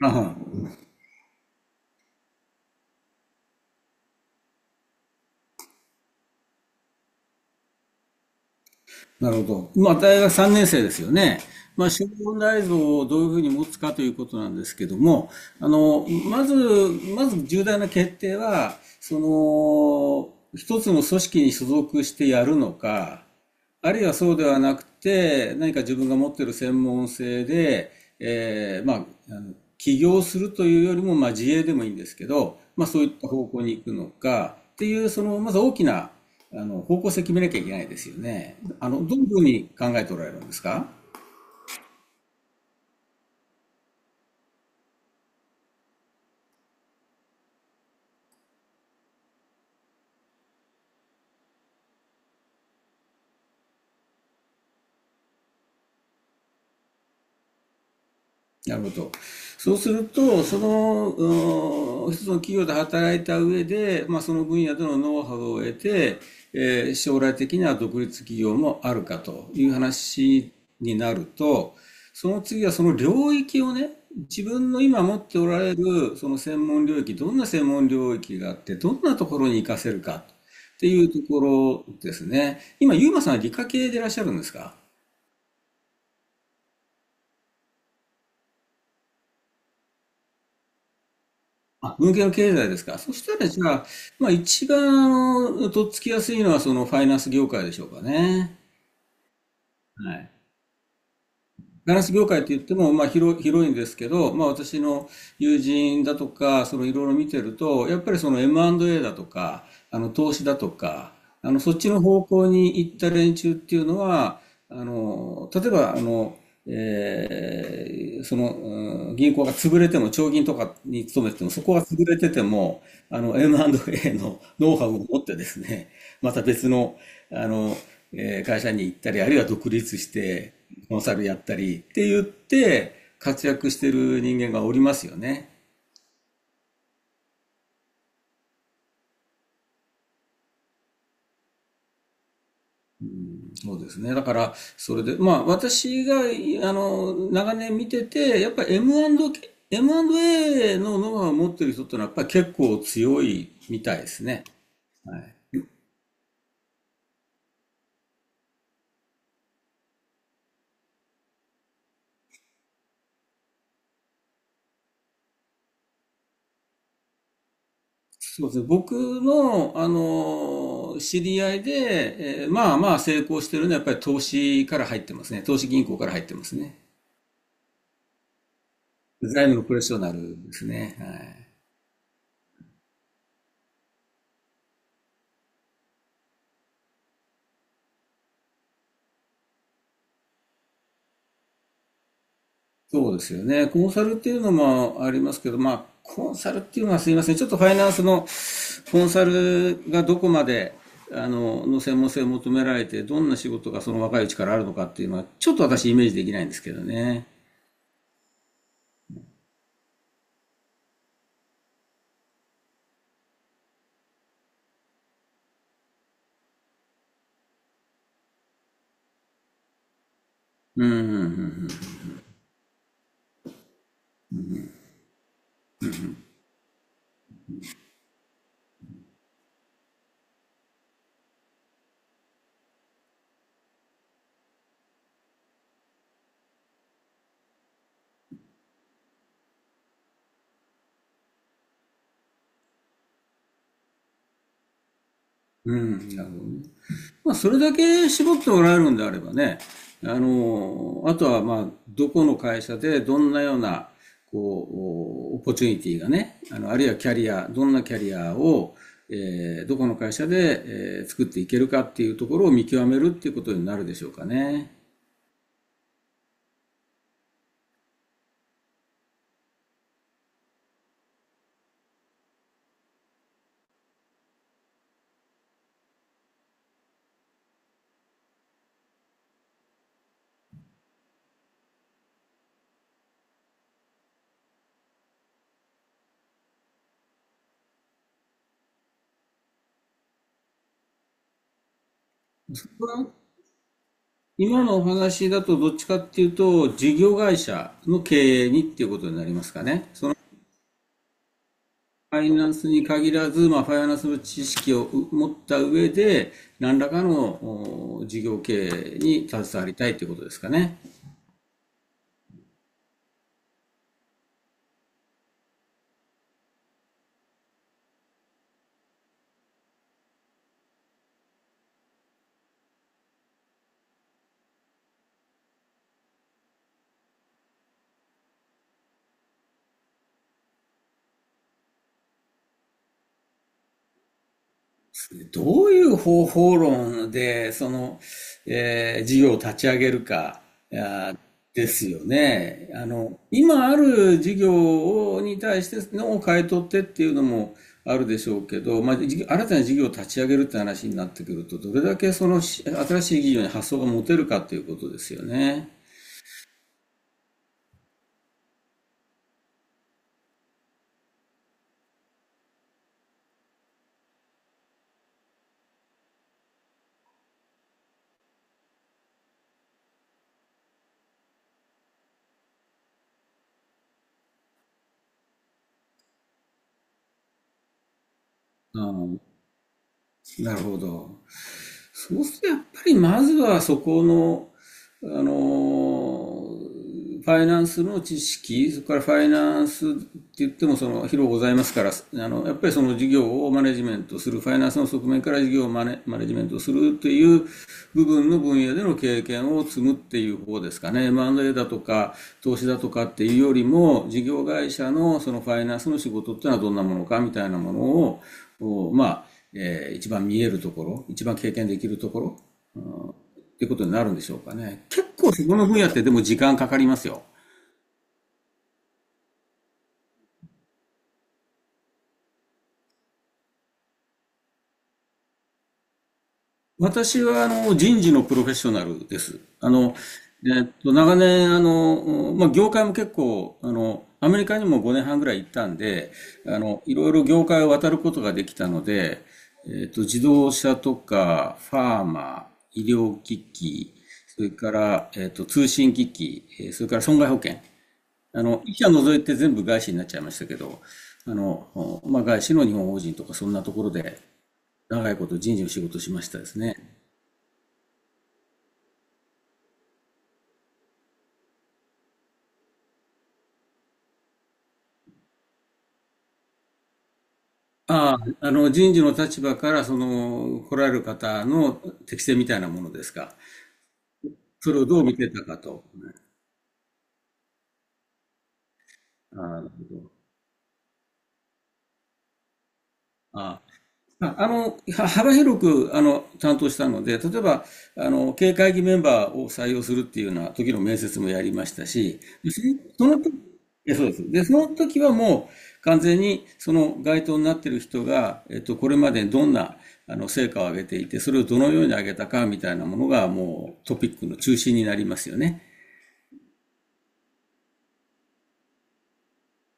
あはなるほど。まあ、大学3年生ですよね。まあ、小問題像をどういうふうに持つかということなんですけども、まず、重大な決定は、一つの組織に所属してやるのか、あるいはそうではなくて、何か自分が持っている専門性で、まあ、あの起業するというよりも、まあ、自営でもいいんですけど、まあ、そういった方向に行くのかっていう、そのまず大きな、あの方向性決めなきゃいけないですよね。あのどういうふうに考えておられるんですか。なるほど。そうすると、その、うん一つの企業で働いた上で、まあ、その分野でのノウハウを得て、えー将来的には独立企業もあるかという話になると、その次はその領域をね、自分の今持っておられるその専門領域、どんな専門領域があって、どんなところに活かせるかっていうところですね。今、ユーマさんは理科系でいらっしゃるんですか。あ、文系の経済ですか。そしたらじゃあ、まあ一番あのとっつきやすいのはそのファイナンス業界でしょうかね。はい。ファイナンス業界って言っても、広いんですけど、まあ私の友人だとか、そのいろいろ見てると、やっぱりその M&A だとか、あの投資だとか、あのそっちの方向に行った連中っていうのは、例えばあの、えーその、銀行が潰れても、長銀とかに勤めてても、そこが潰れてても、あの、M&A のノウハウを持ってですね、また別の、あの、会社に行ったり、あるいは独立して、コンサルやったりって言って、活躍してる人間がおりますよね。そうですね。だから、それで、まあ、私が、あの、長年見てて、やっぱり M&A のノウハウを持ってる人ってのは、やっぱり結構強いみたいですね。はい。そうですね。僕の、あの、知り合いで、えーまあまあ成功してるのは、やっぱり投資から入ってますね。投資銀行から入ってますね。財務のプロフェッショナルですね。はい。そうですよね。コンサルっていうのもありますけど、まあ、コンサルっていうのはすいません。ちょっとファイナンスのコンサルがどこまで、あの専門性を求められて、どんな仕事がその若いうちからあるのかっていうのは、ちょっと私イメージできないんですけどね。うん、うん、うん。なるほどね。まあ、それだけ絞っておられるんであればね、あの、あとは、まあ、どこの会社でどんなような、こう、オポチュニティがね、あの、あるいはキャリア、どんなキャリアを、えーどこの会社で、えー作っていけるかっていうところを見極めるっていうことになるでしょうかね。今のお話だとどっちかっていうと、事業会社の経営にっていうことになりますかね。そのファイナンスに限らず、まあ、ファイナンスの知識を持った上で、何らかの事業経営に携わりたいということですかね。どういう方法論で、その、えー事業を立ち上げるか、ですよね。あの、今ある事業に対してのを変え取ってっていうのもあるでしょうけど、まあ、新たな事業を立ち上げるって話になってくると、どれだけその新しい事業に発想が持てるかということですよね。ああ、なるほど。そうするとやっぱりまずはそこのあのファイナンスの知識、それからファイナンスって言ってもその広ございますから、あの、やっぱりその事業をマネジメントする、ファイナンスの側面から事業をマネジメントするという部分の分野での経験を積むっていう方ですかね。M&A だとか、投資だとかっていうよりも、事業会社のそのファイナンスの仕事っていうのはどんなものかみたいなものを、まあ、えー一番見えるところ、一番経験できるところっていうことになるんでしょうかね。結構そこの分野ってでも時間かかりますよ。私はあの人事のプロフェッショナルです。あの、えっと、長年、あの、まあ、業界も結構、あの、アメリカにも5年半ぐらい行ったんで、あの、いろいろ業界を渡ることができたので、えっと、自動車とか、ファーマー、医療機器、それから、えっと、通信機器、それから損害保険。あの、一社除いて全部外資になっちゃいましたけど、あの、まあ、外資の日本法人とかそんなところで長いこと人事の仕事をしましたですね。ああ、あの、人事の立場からその来られる方の適性みたいなものですか。それをどう見てたかと。ああ、なるほど。あ、まあ、あの、は幅広く、あの、担当したので、例えば、あの、経営会議メンバーを採用するっていうような時の面接もやりましたし、でその時、え、そうです。で、その時はもう完全にその該当になっている人が、えっと、これまでどんな、あの、成果を上げていて、それをどのように上げたかみたいなものがもうトピックの中心になりますよね。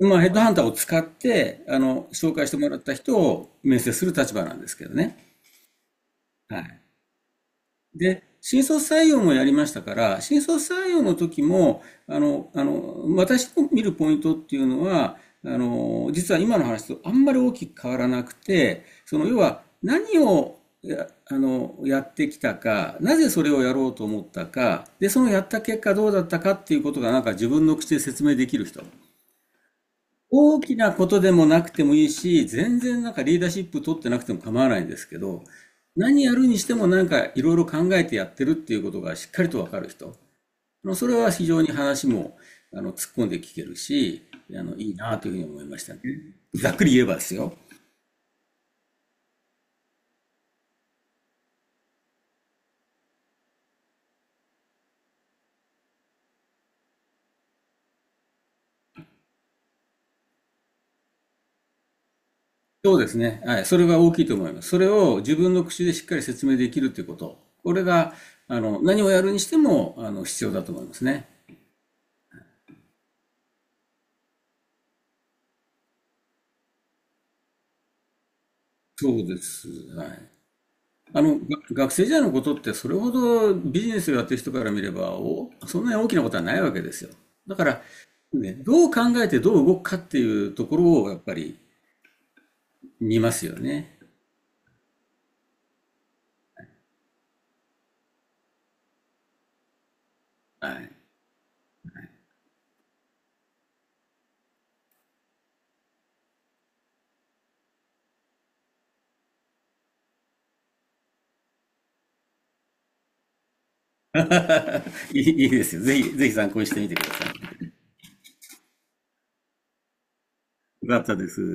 まあ、ヘッドハンターを使って、あの、紹介してもらった人を面接する立場なんですけどね。はい。で、新卒採用もやりましたから、新卒採用の時も、あの、私の見るポイントっていうのは、あの、実は今の話とあんまり大きく変わらなくて、その、要は何をあの、やってきたか、なぜそれをやろうと思ったか、で、そのやった結果どうだったかっていうことが、なんか自分の口で説明できる人。大きなことでもなくてもいいし、全然なんかリーダーシップ取ってなくても構わないんですけど、何やるにしてもなんかいろいろ考えてやってるっていうことがしっかりとわかる人。のそれは非常に話もあの突っ込んで聞けるし、あのいいなというふうに思いましたね。ざっくり言えばですよ。そうですね。はい。それが大きいと思います。それを自分の口でしっかり説明できるということ。これが、あの、何をやるにしても、あの、必要だと思いますね。そうです。はい。あの、が学生時代のことってそれほどビジネスをやってる人から見ればお、そんなに大きなことはないわけですよ。だから、ね、どう考えてどう動くかっていうところをやっぱり見ますよね。はい。いいですよ。ぜひ、ぜひ参考にしてみてください。よかったです。